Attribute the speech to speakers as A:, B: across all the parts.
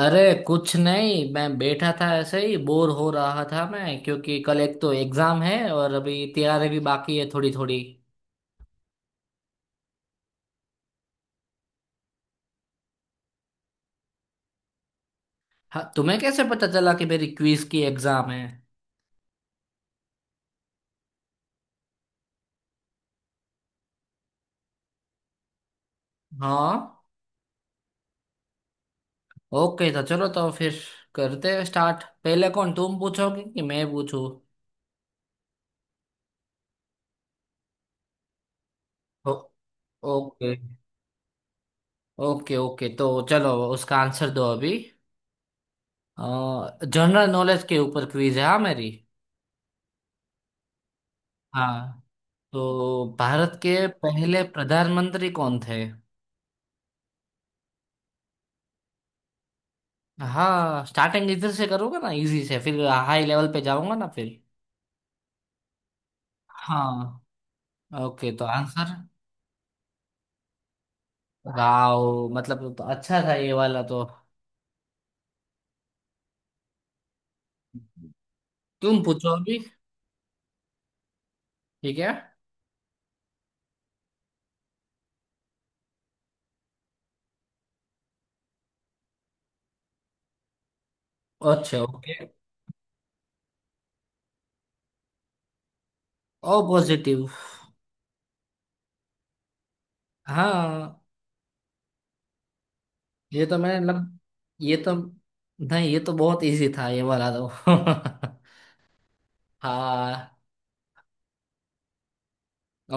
A: अरे कुछ नहीं, मैं बैठा था ऐसे ही बोर हो रहा था मैं, क्योंकि कल एक तो एग्जाम है और अभी तैयारी भी बाकी है थोड़ी थोड़ी हाँ, तुम्हें कैसे पता चला कि मेरी क्विज की एग्जाम है। हाँ। ओके, तो चलो तो फिर करते हैं स्टार्ट। पहले कौन, तुम पूछोगे कि मैं पूछूं? ओ, ओके ओके ओके तो चलो, उसका आंसर दो अभी। जनरल नॉलेज के ऊपर क्विज है, हाँ मेरी। हाँ, तो भारत के पहले प्रधानमंत्री कौन थे? हाँ स्टार्टिंग इधर से करोगे ना इजी से, फिर हाई लेवल पे जाऊंगा ना फिर। हाँ ओके, तो आंसर। वाओ, मतलब तो अच्छा था ये वाला तो। तुम पूछो अभी। ठीक है। अच्छा ओके। ओ पॉजिटिव। हाँ। ये तो मैंने लग ये तो नहीं, ये तो बहुत इजी था ये वाला तो। हाँ।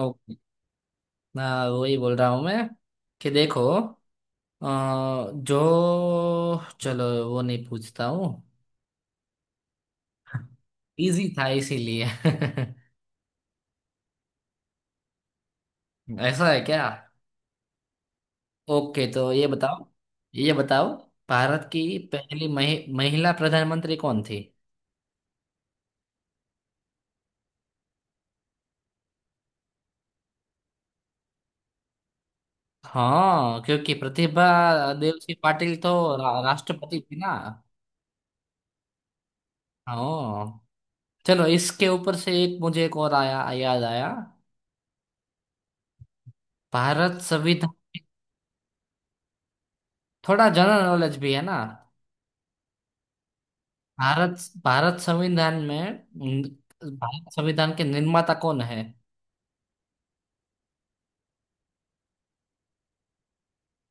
A: ओके। हाँ, वही बोल रहा हूँ मैं कि देखो। अ, जो चलो वो नहीं पूछता हूँ। इजी था इसीलिए। ऐसा है क्या? ओके तो ये बताओ। ये बताओ, भारत की पहली महिला प्रधानमंत्री कौन थी? हाँ, क्योंकि प्रतिभा देव सिंह पाटिल तो राष्ट्रपति थी ना। हाँ। चलो, इसके ऊपर से एक मुझे एक और आया याद आया। भारत संविधान। थोड़ा जनरल नॉलेज भी है ना। भारत भारत संविधान में न- भारत संविधान के निर्माता कौन है?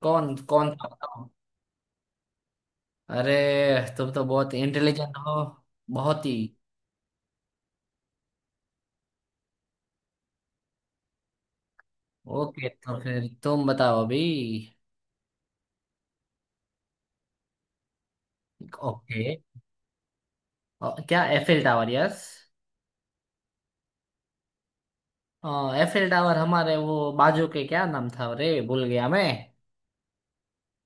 A: कौन कौन था? अरे, तुम तो बहुत इंटेलिजेंट हो। बहुत ही। ओके तो फिर तुम बताओ अभी। ओके। क्या Eiffel tower? Yes, Eiffel tower हमारे वो बाजू के क्या नाम था रे, भूल गया मैं।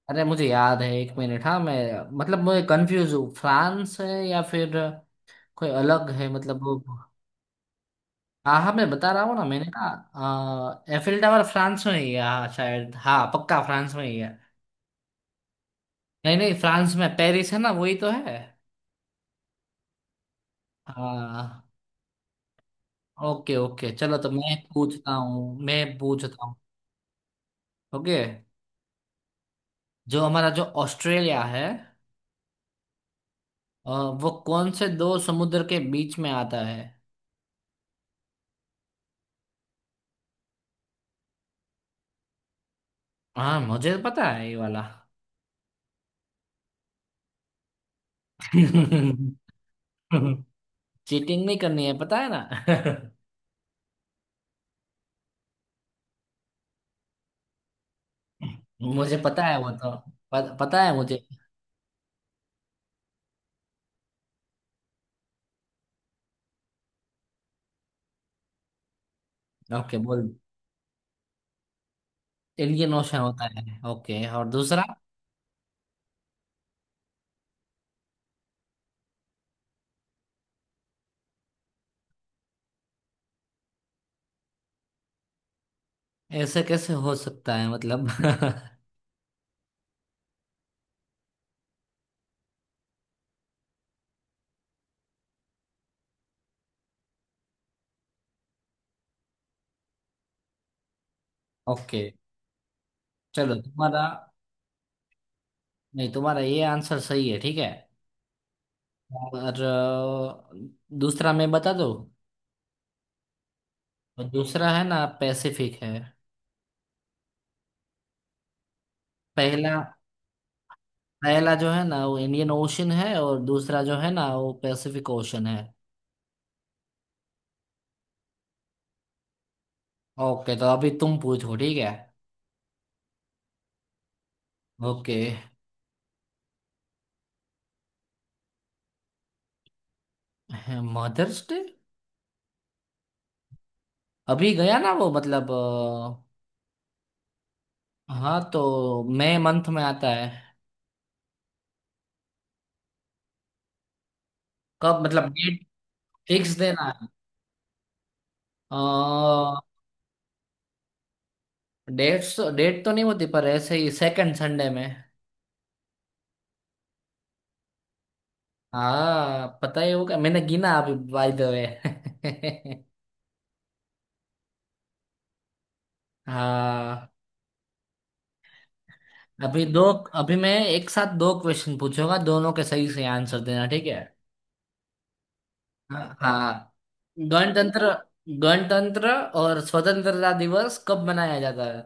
A: अरे मुझे याद है एक मिनट, हाँ मैं। मतलब मैं कंफ्यूज हूँ फ्रांस है या फिर कोई अलग है, मतलब वो। हाँ हाँ, मैं बता रहा हूँ ना, मैंने कहा एफिल टावर फ्रांस में ही है, हाँ शायद, हाँ पक्का फ्रांस में ही है। नहीं नहीं, फ्रांस में पेरिस है ना, वही तो है। हाँ। ओके ओके चलो, तो मैं पूछता हूँ। ओके। जो हमारा जो ऑस्ट्रेलिया है, अ, वो कौन से दो समुद्र के बीच में आता है? हाँ मुझे तो पता है ये वाला। चीटिंग नहीं करनी है, पता है ना। मुझे पता है वो तो। पता है मुझे। ओके बोल। इंडियन ओशन होता है ओके, और दूसरा? ऐसे कैसे हो सकता है मतलब। ओके चलो, तुम्हारा, नहीं तुम्हारा ये आंसर सही है, ठीक है। और दूसरा मैं बता दो। और दूसरा है ना पैसिफिक है। पहला पहला जो है ना वो इंडियन ओशन है, और दूसरा जो है ना वो पैसिफिक ओशन है। ओके तो अभी तुम पूछो, ठीक है। ओके। मदर्स डे अभी गया ना वो, मतलब, हाँ तो मई मंथ में आता है। कब मतलब? डेट फिक्स देना है? अ, डेट तो नहीं होती पर ऐसे ही सेकंड संडे में। हाँ, पता ही होगा, मैंने गिना अभी बाय द वे। हाँ। अभी दो, अभी मैं एक साथ दो क्वेश्चन पूछूंगा, दोनों के सही से आंसर देना ठीक है। हाँ हाँ। गणतंत्र गणतंत्र और स्वतंत्रता दिवस कब मनाया जाता है?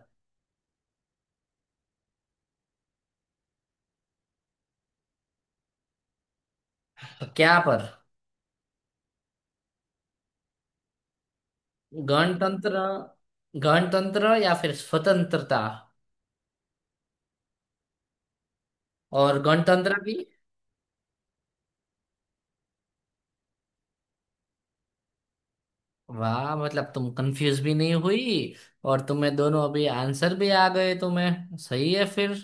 A: क्या पर। गणतंत्र गणतंत्र या फिर स्वतंत्रता, और गणतंत्र भी। वाह, मतलब तुम कंफ्यूज भी नहीं हुई, और तुम्हें दोनों अभी आंसर भी आ गए तुम्हें, सही है फिर।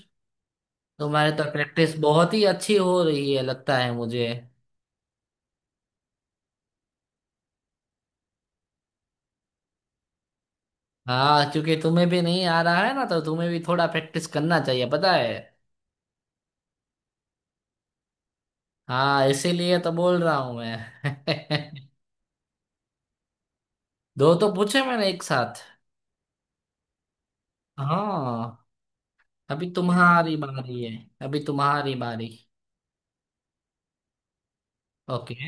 A: तुम्हारे तो प्रैक्टिस बहुत ही अच्छी हो रही है लगता है मुझे। हाँ, क्योंकि तुम्हें भी नहीं आ रहा है ना, तो तुम्हें भी थोड़ा प्रैक्टिस करना चाहिए, पता है। हाँ इसीलिए तो बोल रहा हूँ मैं। दो तो पूछे मैंने एक साथ। हाँ, अभी तुम्हारी बारी है। अभी तुम्हारी बारी। ओके।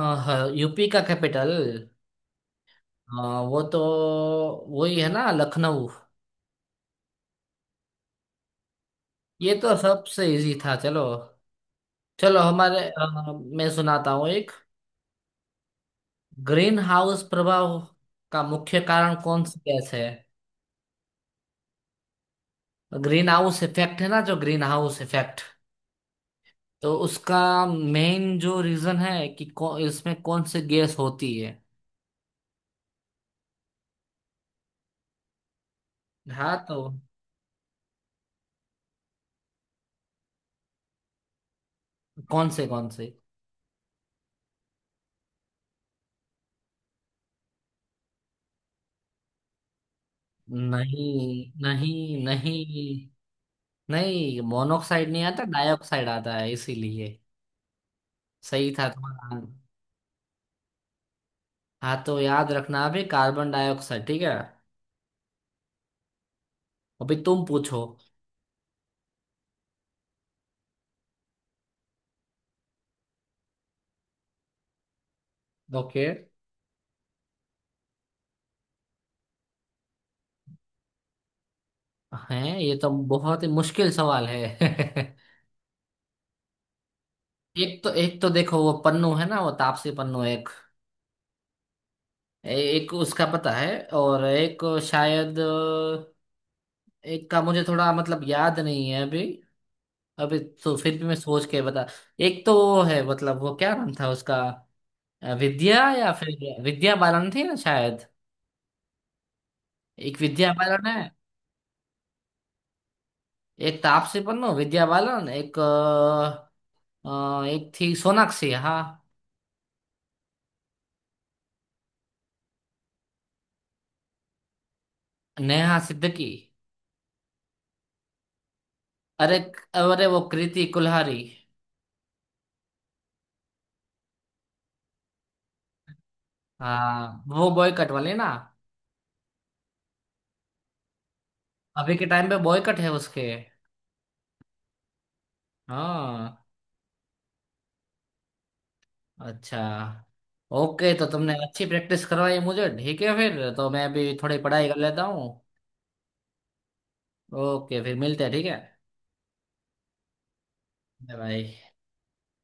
A: यूपी का कैपिटल? हाँ, वो तो वही है ना, लखनऊ। ये तो सबसे इजी था, चलो। चलो हमारे, मैं सुनाता हूँ एक। ग्रीन हाउस प्रभाव का मुख्य कारण कौन सी गैस है? ग्रीन हाउस इफेक्ट है ना जो ग्रीन हाउस इफेक्ट, तो उसका मेन जो रीजन है कि इसमें कौन सी गैस होती है। हाँ तो। कौन से कौन से? नहीं, नहीं मोनोऑक्साइड नहीं आता, डाइऑक्साइड आता है इसीलिए। सही था तुम्हारा। हाँ, तो याद रखना अभी कार्बन डाइऑक्साइड, ठीक है। अभी तुम पूछो। ओके है। ये तो बहुत ही मुश्किल सवाल है। एक तो देखो वो पन्नू है ना, वो तापसी पन्नू एक, एक उसका पता है। और एक शायद, एक का मुझे थोड़ा मतलब याद नहीं है अभी अभी तो फिर भी मैं सोच के बता। एक तो वो है, मतलब वो क्या नाम था उसका, विद्या या फिर विद्या बालन थी ना शायद। एक विद्या बालन है। एक तापसी पन्नू, विद्या बालन, एक थी सोनाक्षी, हाँ। नेहा सिद्दीकी। अरे, अरे वो कृति कुल्हारी। हाँ, वो बॉय कट वाले ना। अभी के टाइम पे बॉय कट है उसके। हाँ। अच्छा। ओके तो तुमने अच्छी प्रैक्टिस करवाई मुझे, ठीक है, फिर तो मैं अभी थोड़ी पढ़ाई कर लेता हूँ। ओके, फिर मिलते हैं, ठीक है। बाय।